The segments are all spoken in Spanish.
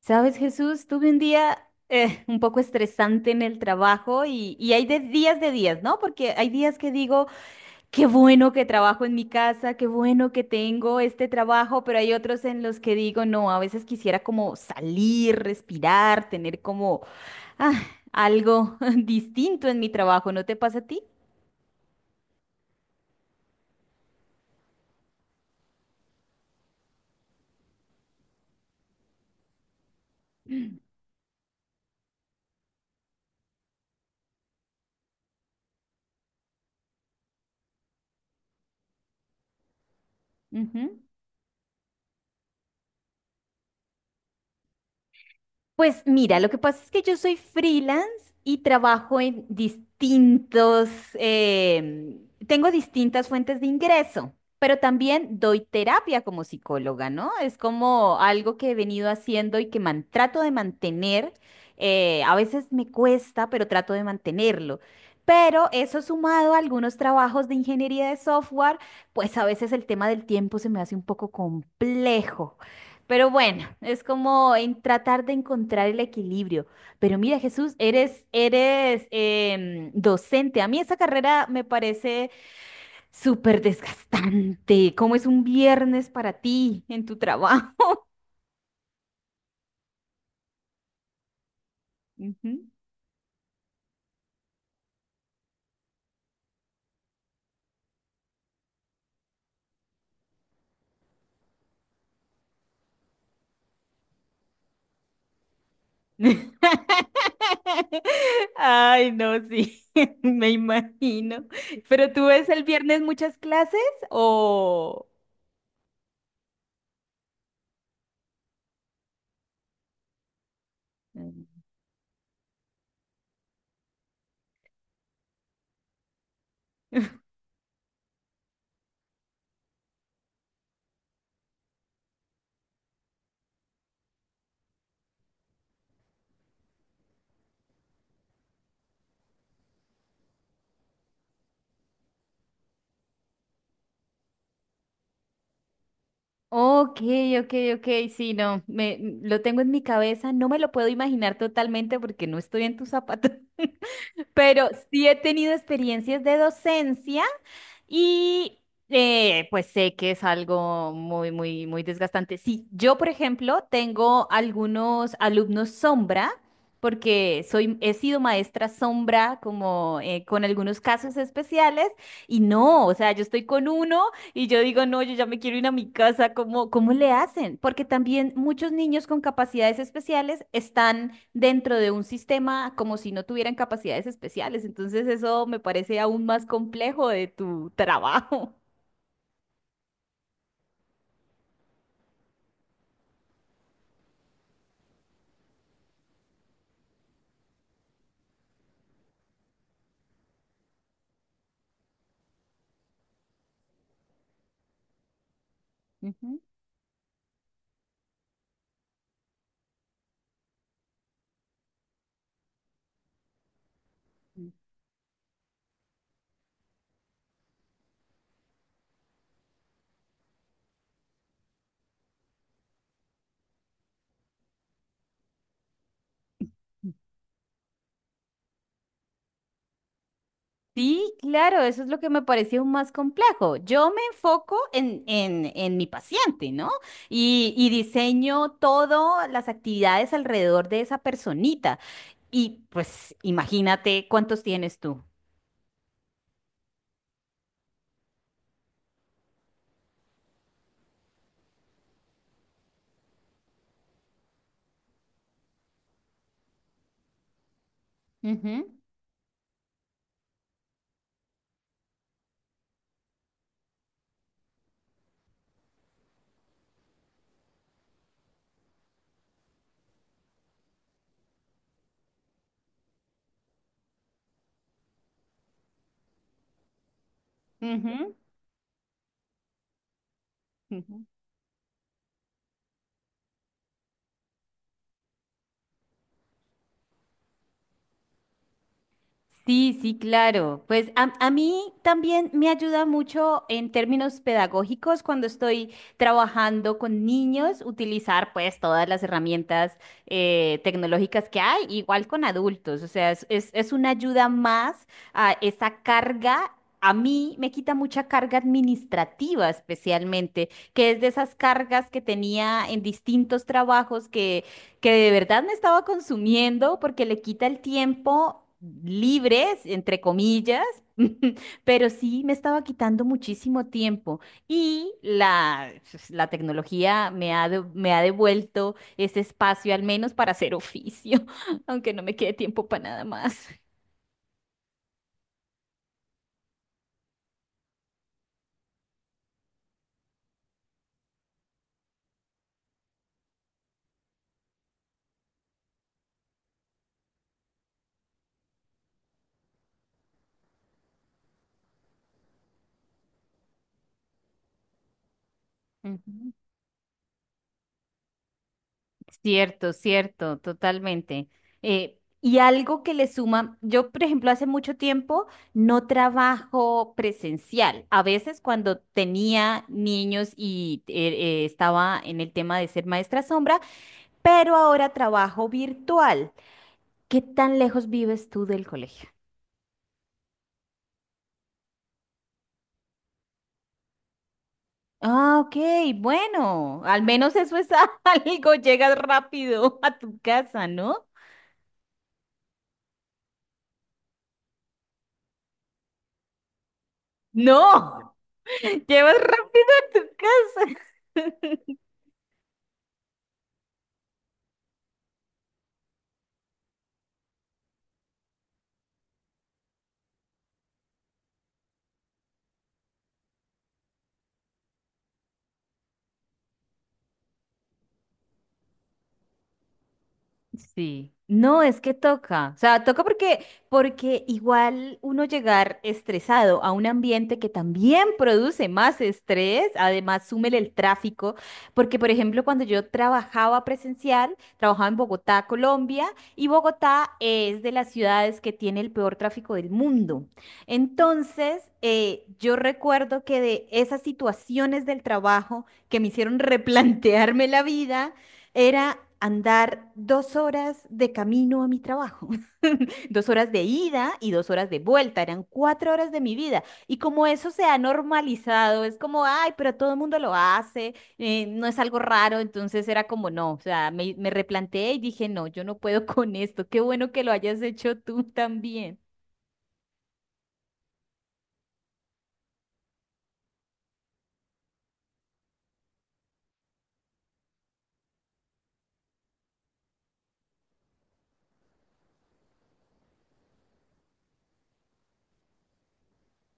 Sabes, Jesús, tuve un día un poco estresante en el trabajo y hay de días, ¿no? Porque hay días que digo, qué bueno que trabajo en mi casa, qué bueno que tengo este trabajo, pero hay otros en los que digo, no, a veces quisiera como salir, respirar, tener como ah, algo distinto en mi trabajo, ¿no te pasa a ti? Ujú. Pues mira, lo que pasa es que yo soy freelance y trabajo en distintos, em, tengo distintas fuentes de ingreso, pero también doy terapia como psicóloga, ¿no? Es como algo que he venido haciendo y que trato de mantener. A veces me cuesta, pero trato de mantenerlo. Pero eso sumado a algunos trabajos de ingeniería de software, pues a veces el tema del tiempo se me hace un poco complejo. Pero bueno, es como en tratar de encontrar el equilibrio. Pero mira, Jesús, eres docente. A mí esa carrera me parece súper desgastante. ¿Cómo es un viernes para ti en tu trabajo? Ujú. Ay, no, sí, me imagino. ¿Pero tú ves el viernes muchas clases o? Ok, ok, ok, sí, no, lo tengo en mi cabeza, no me lo puedo imaginar totalmente porque no estoy en tus zapatos, pero sí he tenido experiencias de docencia y pues sé que es algo muy, muy, muy desgastante. Sí, yo, por ejemplo, tengo algunos alumnos sombra, porque soy, he sido maestra sombra como con algunos casos especiales, y no, o sea, yo estoy con uno y yo digo, no, yo ya me quiero ir a mi casa, ¿cómo le hacen? Porque también muchos niños con capacidades especiales están dentro de un sistema como si no tuvieran capacidades especiales. Entonces eso me parece aún más complejo de tu trabajo. Ujú. Sí, claro, eso es lo que me pareció más complejo. Yo me enfoco en mi paciente, ¿no? Y diseño todas las actividades alrededor de esa personita. Y pues imagínate cuántos tienes tú. Ujú, ujú. Ujú. Sí, sí, claro. Pues a mí también me ayuda mucho en términos pedagógicos cuando estoy trabajando con niños, utilizar pues todas las herramientas tecnológicas que hay, igual con adultos. O sea, es una ayuda más a esa carga. A mí me quita mucha carga administrativa especialmente, que es de esas cargas que tenía en distintos trabajos que de verdad me estaba consumiendo porque le quita el tiempo libre, entre comillas, pero sí me estaba quitando muchísimo tiempo y la, pues, la tecnología me ha devuelto ese espacio al menos para hacer oficio, aunque no me quede tiempo para nada más. Ujú. Cierto, cierto, totalmente. Y algo que le suma, yo por ejemplo hace mucho tiempo no trabajo presencial. A veces cuando tenía niños y estaba en el tema de ser maestra sombra, pero ahora trabajo virtual. ¿Qué tan lejos vives tú del colegio? Ah, ok, bueno, al menos eso es algo, llegas rápido a tu casa, ¿no? No, llevas rápido a tu casa. Sí, no, es que toca, o sea, toca porque igual uno llegar estresado a un ambiente que también produce más estrés, además súmele el tráfico, porque por ejemplo cuando yo trabajaba presencial, trabajaba en Bogotá, Colombia, y Bogotá es de las ciudades que tiene el peor tráfico del mundo. Entonces, yo recuerdo que de esas situaciones del trabajo que me hicieron replantearme la vida, era andar 2 horas de camino a mi trabajo, dos horas de ida y 2 horas de vuelta, eran 4 horas de mi vida. Y como eso se ha normalizado, es como, ay, pero todo el mundo lo hace, no es algo raro, entonces era como, no, o sea, me replanteé y dije, no, yo no puedo con esto, qué bueno que lo hayas hecho tú también.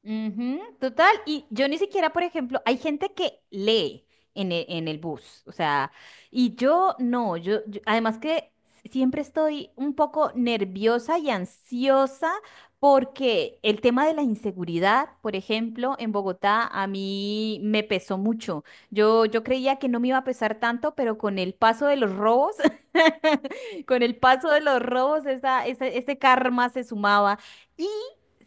Ujú, total, y yo ni siquiera, por ejemplo, hay gente que lee en el bus, o sea, y yo no, además que siempre estoy un poco nerviosa y ansiosa porque el tema de la inseguridad, por ejemplo, en Bogotá a mí me pesó mucho. Yo creía que no me iba a pesar tanto, pero con el paso de los robos, con el paso de los robos, esa, ese karma se sumaba.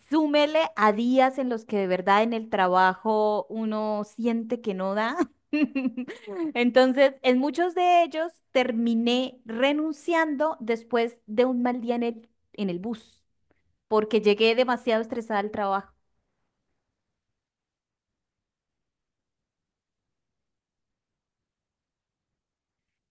Súmele a días en los que de verdad en el trabajo uno siente que no da. Entonces, en muchos de ellos terminé renunciando después de un mal día en el bus, porque llegué demasiado estresada al trabajo.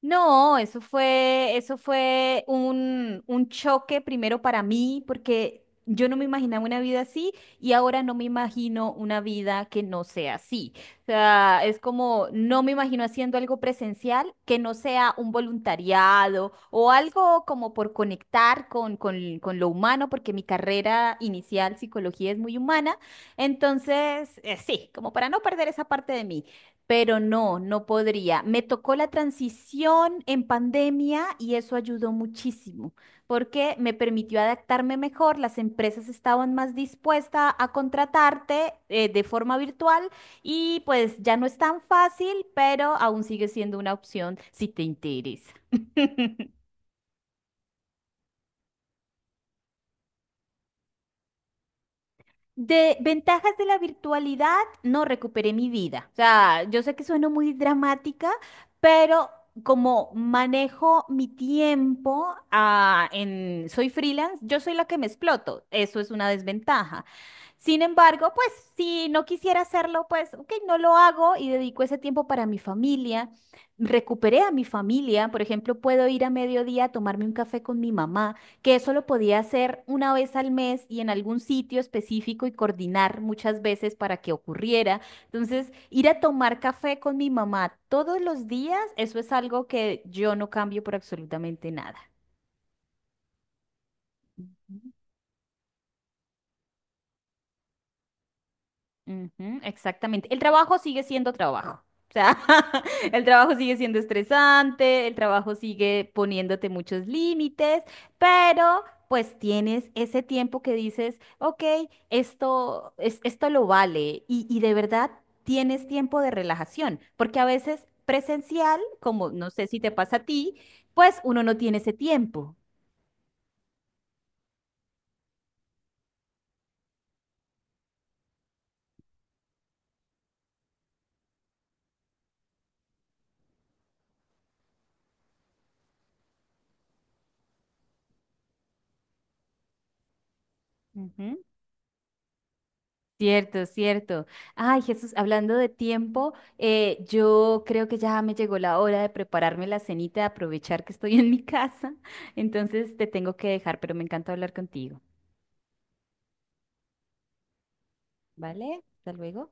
No, eso fue un choque primero para mí, porque yo no me imaginaba una vida así y ahora no me imagino una vida que no sea así. O sea, es como no me imagino haciendo algo presencial que no sea un voluntariado o algo como por conectar con lo humano, porque mi carrera inicial, psicología, es muy humana. Entonces, sí, como para no perder esa parte de mí pero no, no podría. Me tocó la transición en pandemia y eso ayudó muchísimo porque me permitió adaptarme mejor, las empresas estaban más dispuestas a contratarte de forma virtual y pues ya no es tan fácil, pero aún sigue siendo una opción si te interesa. De ventajas de la virtualidad, no recuperé mi vida. O sea, yo sé que sueno muy dramática, pero como manejo mi tiempo, soy freelance, yo soy la que me exploto. Eso es una desventaja. Sin embargo, pues si no quisiera hacerlo, pues ok, no lo hago y dedico ese tiempo para mi familia. Recuperé a mi familia. Por ejemplo, puedo ir a mediodía a tomarme un café con mi mamá que eso lo podía hacer una vez al mes y en algún sitio específico y coordinar muchas veces para que ocurriera. Entonces, ir a tomar café con mi mamá todos los días, eso es algo que yo no cambio por absolutamente nada. Ujú, exactamente. El trabajo sigue siendo trabajo. O sea, el trabajo sigue siendo estresante, el trabajo sigue poniéndote muchos límites, pero pues tienes ese tiempo que dices, ok, esto lo vale y de verdad tienes tiempo de relajación, porque a veces presencial, como no sé si te pasa a ti, pues uno no tiene ese tiempo. Ujú. Cierto, cierto. Ay, Jesús, hablando de tiempo, yo creo que ya me llegó la hora de prepararme la cenita, de aprovechar que estoy en mi casa. Entonces te tengo que dejar, pero me encanta hablar contigo. ¿Vale? Hasta luego.